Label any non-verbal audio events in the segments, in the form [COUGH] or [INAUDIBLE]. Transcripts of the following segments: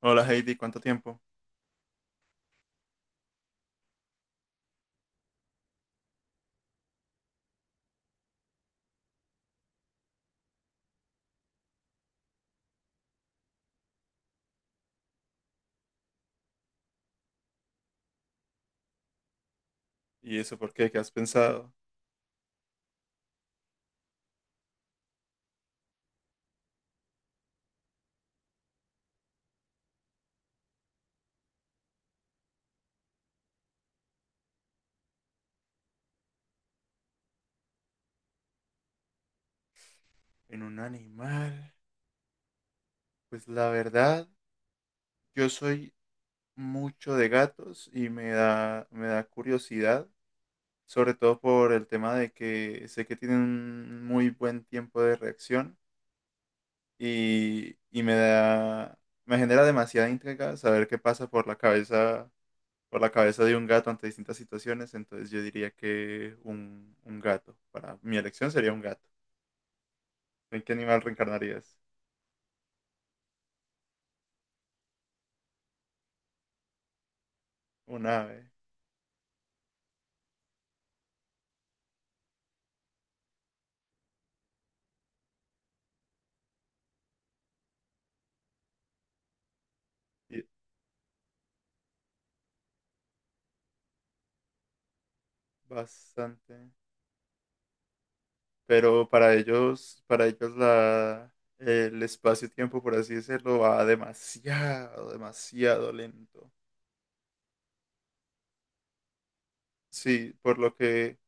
Hola Heidi, ¿cuánto tiempo? ¿Y eso por qué? ¿Qué has pensado? ¿En un animal? Pues la verdad, yo soy mucho de gatos y me da curiosidad, sobre todo por el tema de que sé que tienen un muy buen tiempo de reacción y, y me da, me genera demasiada intriga saber qué pasa por la cabeza de un gato ante distintas situaciones. Entonces yo diría que un gato. Para mi elección sería un gato. ¿En qué animal reencarnarías? Un ave, y bastante. Pero para ellos el espacio-tiempo, por así decirlo, va demasiado, demasiado lento. Sí, por lo que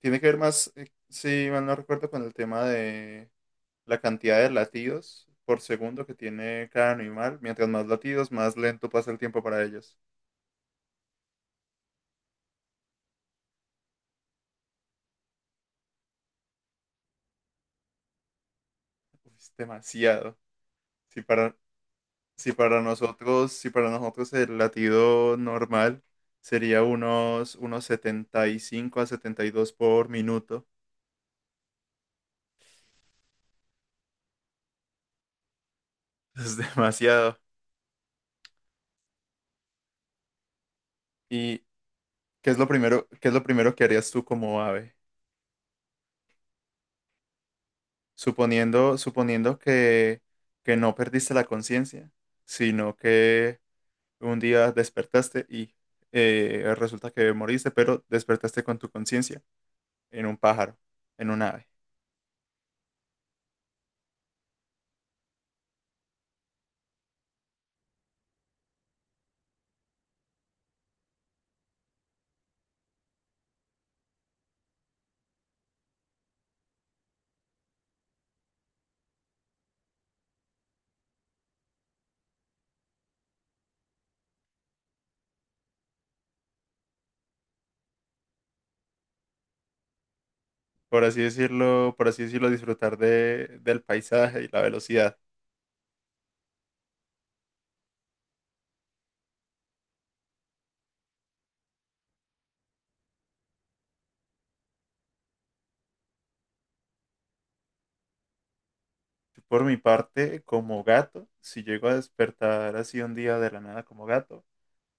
tiene que ver más, si mal no recuerdo, con el tema de la cantidad de latidos por segundo que tiene cada animal. Mientras más latidos, más lento pasa el tiempo para ellos. Es demasiado. Si para, si para nosotros el latido normal sería unos 75 a 72 por minuto. [LAUGHS] Es demasiado. ¿Y qué es lo primero que harías tú como ave? Suponiendo que no perdiste la conciencia, sino que un día despertaste y resulta que moriste, pero despertaste con tu conciencia en un pájaro, en un ave. Por así decirlo disfrutar del paisaje y la velocidad. Por mi parte, como gato, si llego a despertar así un día de la nada como gato,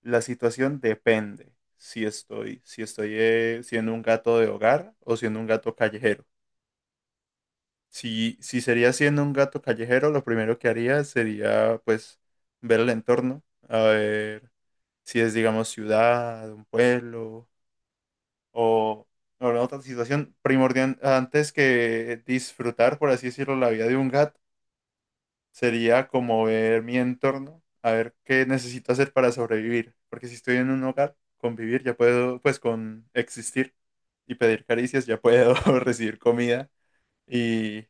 la situación depende si estoy siendo un gato de hogar o siendo un gato callejero. Si sería siendo un gato callejero, lo primero que haría sería, pues, ver el entorno, a ver si es, digamos, ciudad, un pueblo, o, o en otra situación primordial antes que disfrutar, por así decirlo, la vida de un gato, sería como ver mi entorno, a ver qué necesito hacer para sobrevivir, porque si estoy en un hogar, convivir, ya puedo, pues, con existir y pedir caricias, ya puedo [LAUGHS] recibir comida y,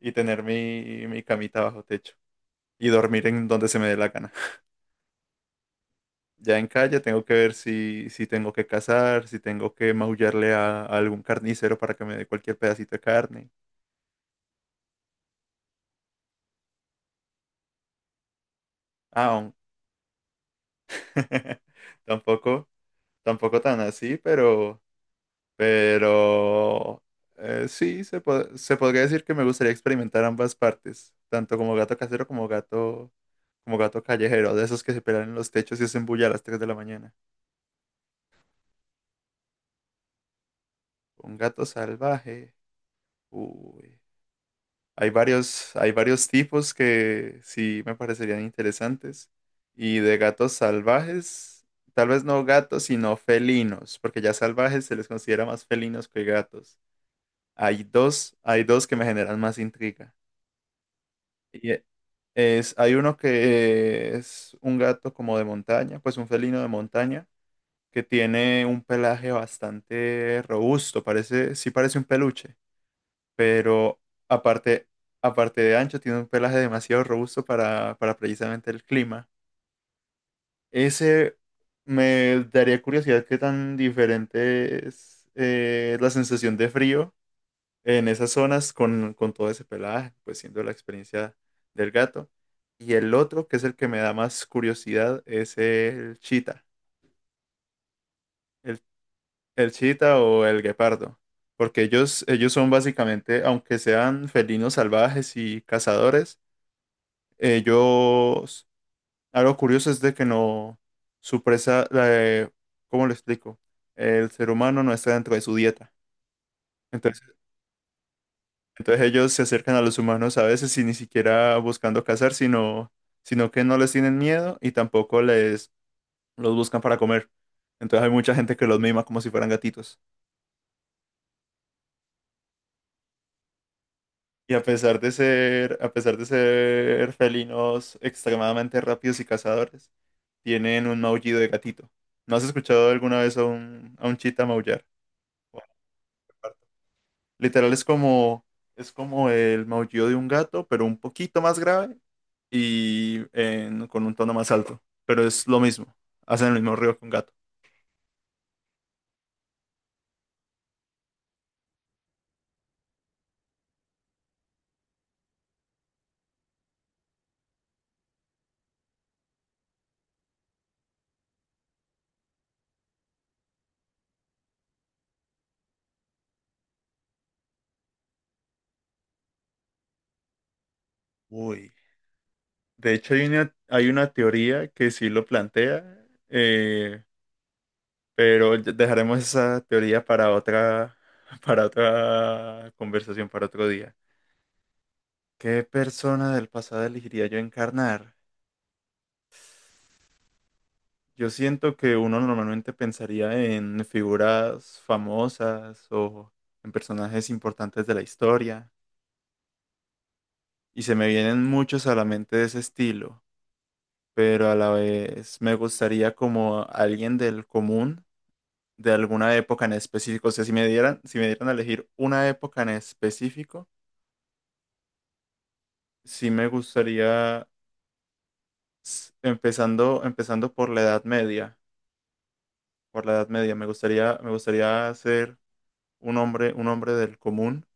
y tener mi camita bajo techo. Y dormir en donde se me dé la gana. Ya en calle tengo que ver si tengo que cazar, si tengo que maullarle a algún carnicero para que me dé cualquier pedacito de carne. Aún. [LAUGHS] Tampoco, tampoco tan así, pero sí, se podría decir que me gustaría experimentar ambas partes, tanto como gato casero como gato callejero, de esos que se pelan en los techos y hacen bulla a las 3 de la mañana. Un gato salvaje. Uy. Hay varios tipos que sí me parecerían interesantes. Y de gatos salvajes, tal vez no gatos, sino felinos, porque ya salvajes se les considera más felinos que gatos. Hay dos que me generan más intriga. Y e- Hay uno que es un gato como de montaña, pues un felino de montaña, que tiene un pelaje bastante robusto, parece, sí parece un peluche, pero aparte, aparte de ancho, tiene un pelaje demasiado robusto para precisamente el clima. Ese me daría curiosidad qué tan diferente es la sensación de frío en esas zonas con todo ese pelaje, pues siendo la experiencia del gato. Y el otro, que es el que me da más curiosidad, es el chita, el, el chita o el guepardo. Porque ellos son básicamente, aunque sean felinos salvajes y cazadores. Ellos, Algo curioso es de que no, su presa, eh, ¿cómo lo explico? El ser humano no está dentro de su dieta. Entonces, entonces ellos se acercan a los humanos a veces y ni siquiera buscando cazar, sino que no les tienen miedo y tampoco les los buscan para comer. Entonces hay mucha gente que los mima como si fueran gatitos. Y a pesar de ser felinos extremadamente rápidos y cazadores, tienen un maullido de gatito. ¿No has escuchado alguna vez a un chita maullar? O un lagarto. Literal es como el maullido de un gato, pero un poquito más grave y con un tono más alto. Pero es lo mismo, hacen el mismo ruido que un gato. Uy. De hecho, hay una teoría que sí lo plantea. Pero dejaremos esa teoría para otra, [LAUGHS] para otra conversación, para otro día. ¿Qué persona del pasado elegiría yo encarnar? Yo siento que uno normalmente pensaría en figuras famosas o en personajes importantes de la historia, y se me vienen muchos a la mente de ese estilo, pero a la vez me gustaría como alguien del común de alguna época en específico. O sea, si me dieran a elegir una época en específico, sí me gustaría. Empezando por la Edad Media, me gustaría ser un hombre del común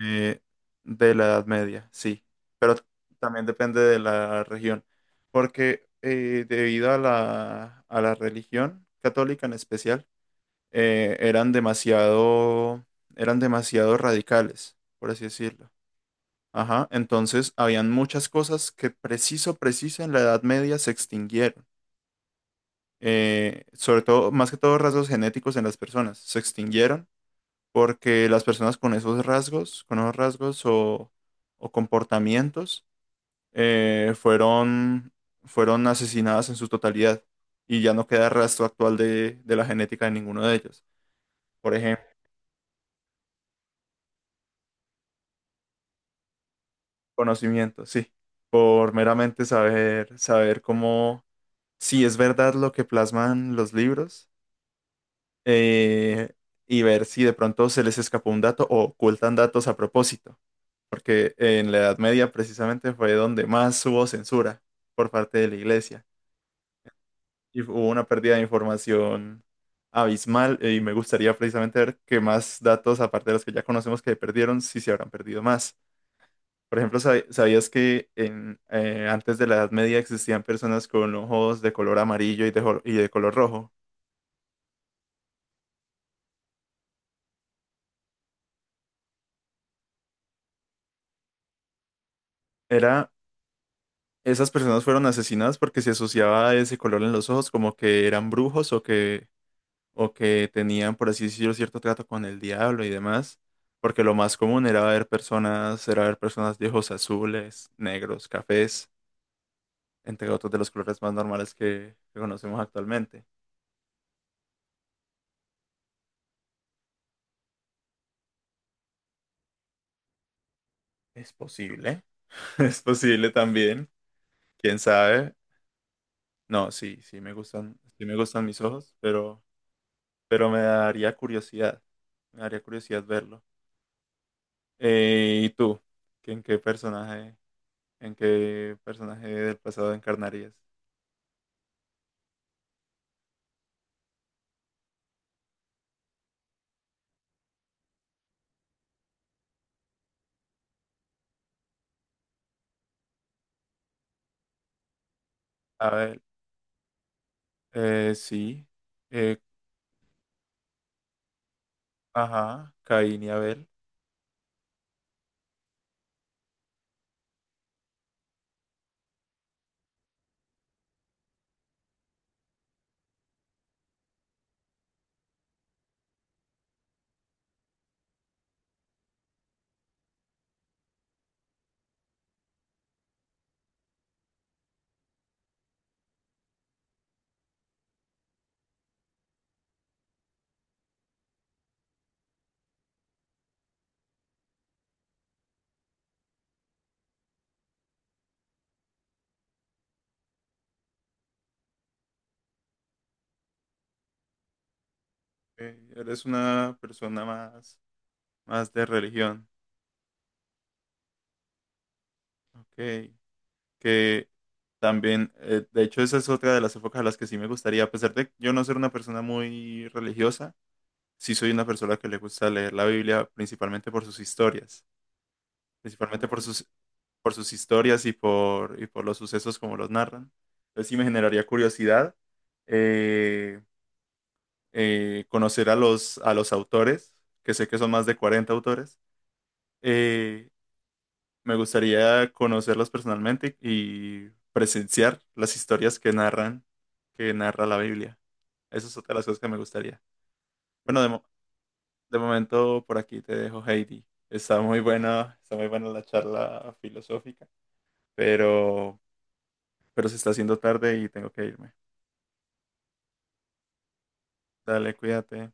eh, de la Edad Media, sí, pero también depende de la región, porque debido a la religión católica en especial, eh, eran demasiado, eran demasiado radicales, por así decirlo. Ajá, entonces habían muchas cosas que preciso en la Edad Media se extinguieron. Sobre todo, más que todo rasgos genéticos en las personas. Se extinguieron porque las personas con esos rasgos o comportamientos, eh, fueron, fueron asesinadas en su totalidad, y ya no queda rastro actual de la genética de ninguno de ellos. Por ejemplo, conocimiento, sí, por meramente saber cómo, si es verdad lo que plasman los libros, eh, y ver si de pronto se les escapó un dato o ocultan datos a propósito, porque en la Edad Media precisamente fue donde más hubo censura por parte de la Iglesia y hubo una pérdida de información abismal. Y me gustaría precisamente ver qué más datos, aparte de los que ya conocemos que perdieron, si se habrán perdido más. Por ejemplo, ¿sabías que antes de la Edad Media existían personas con ojos de color amarillo y y de color rojo? Era Esas personas fueron asesinadas porque se asociaba ese color en los ojos como que eran brujos, o que o que tenían, por así decirlo, cierto trato con el diablo y demás. Porque lo más común era ver personas de ojos azules, negros, cafés, entre otros de los colores más normales que conocemos actualmente. ¿Es posible? [LAUGHS] Es posible también. ¿Quién sabe? No, sí, sí me gustan mis ojos, pero me daría curiosidad. Me daría curiosidad verlo. ¿Y tú? ¿En qué personaje, en qué personaje del pasado encarnarías? Abel, sí, eh, ajá, Caín y Abel. Eres una persona más de religión, ok. Que también, de hecho, esa es otra de las épocas a las que sí me gustaría. A pesar de yo no ser una persona muy religiosa, sí soy una persona que le gusta leer la Biblia principalmente por sus historias, principalmente por sus y por los sucesos como los narran. Entonces sí me generaría curiosidad, eh, conocer a los autores, que sé que son más de 40 autores. Eh, Me gustaría conocerlos personalmente y presenciar las historias que narran, que narra la Biblia. Esa es otra de las cosas que me gustaría. Bueno, de momento por aquí te dejo, Heidi. Está muy buena la charla filosófica, pero se está haciendo tarde y tengo que irme. Dale, cuídate.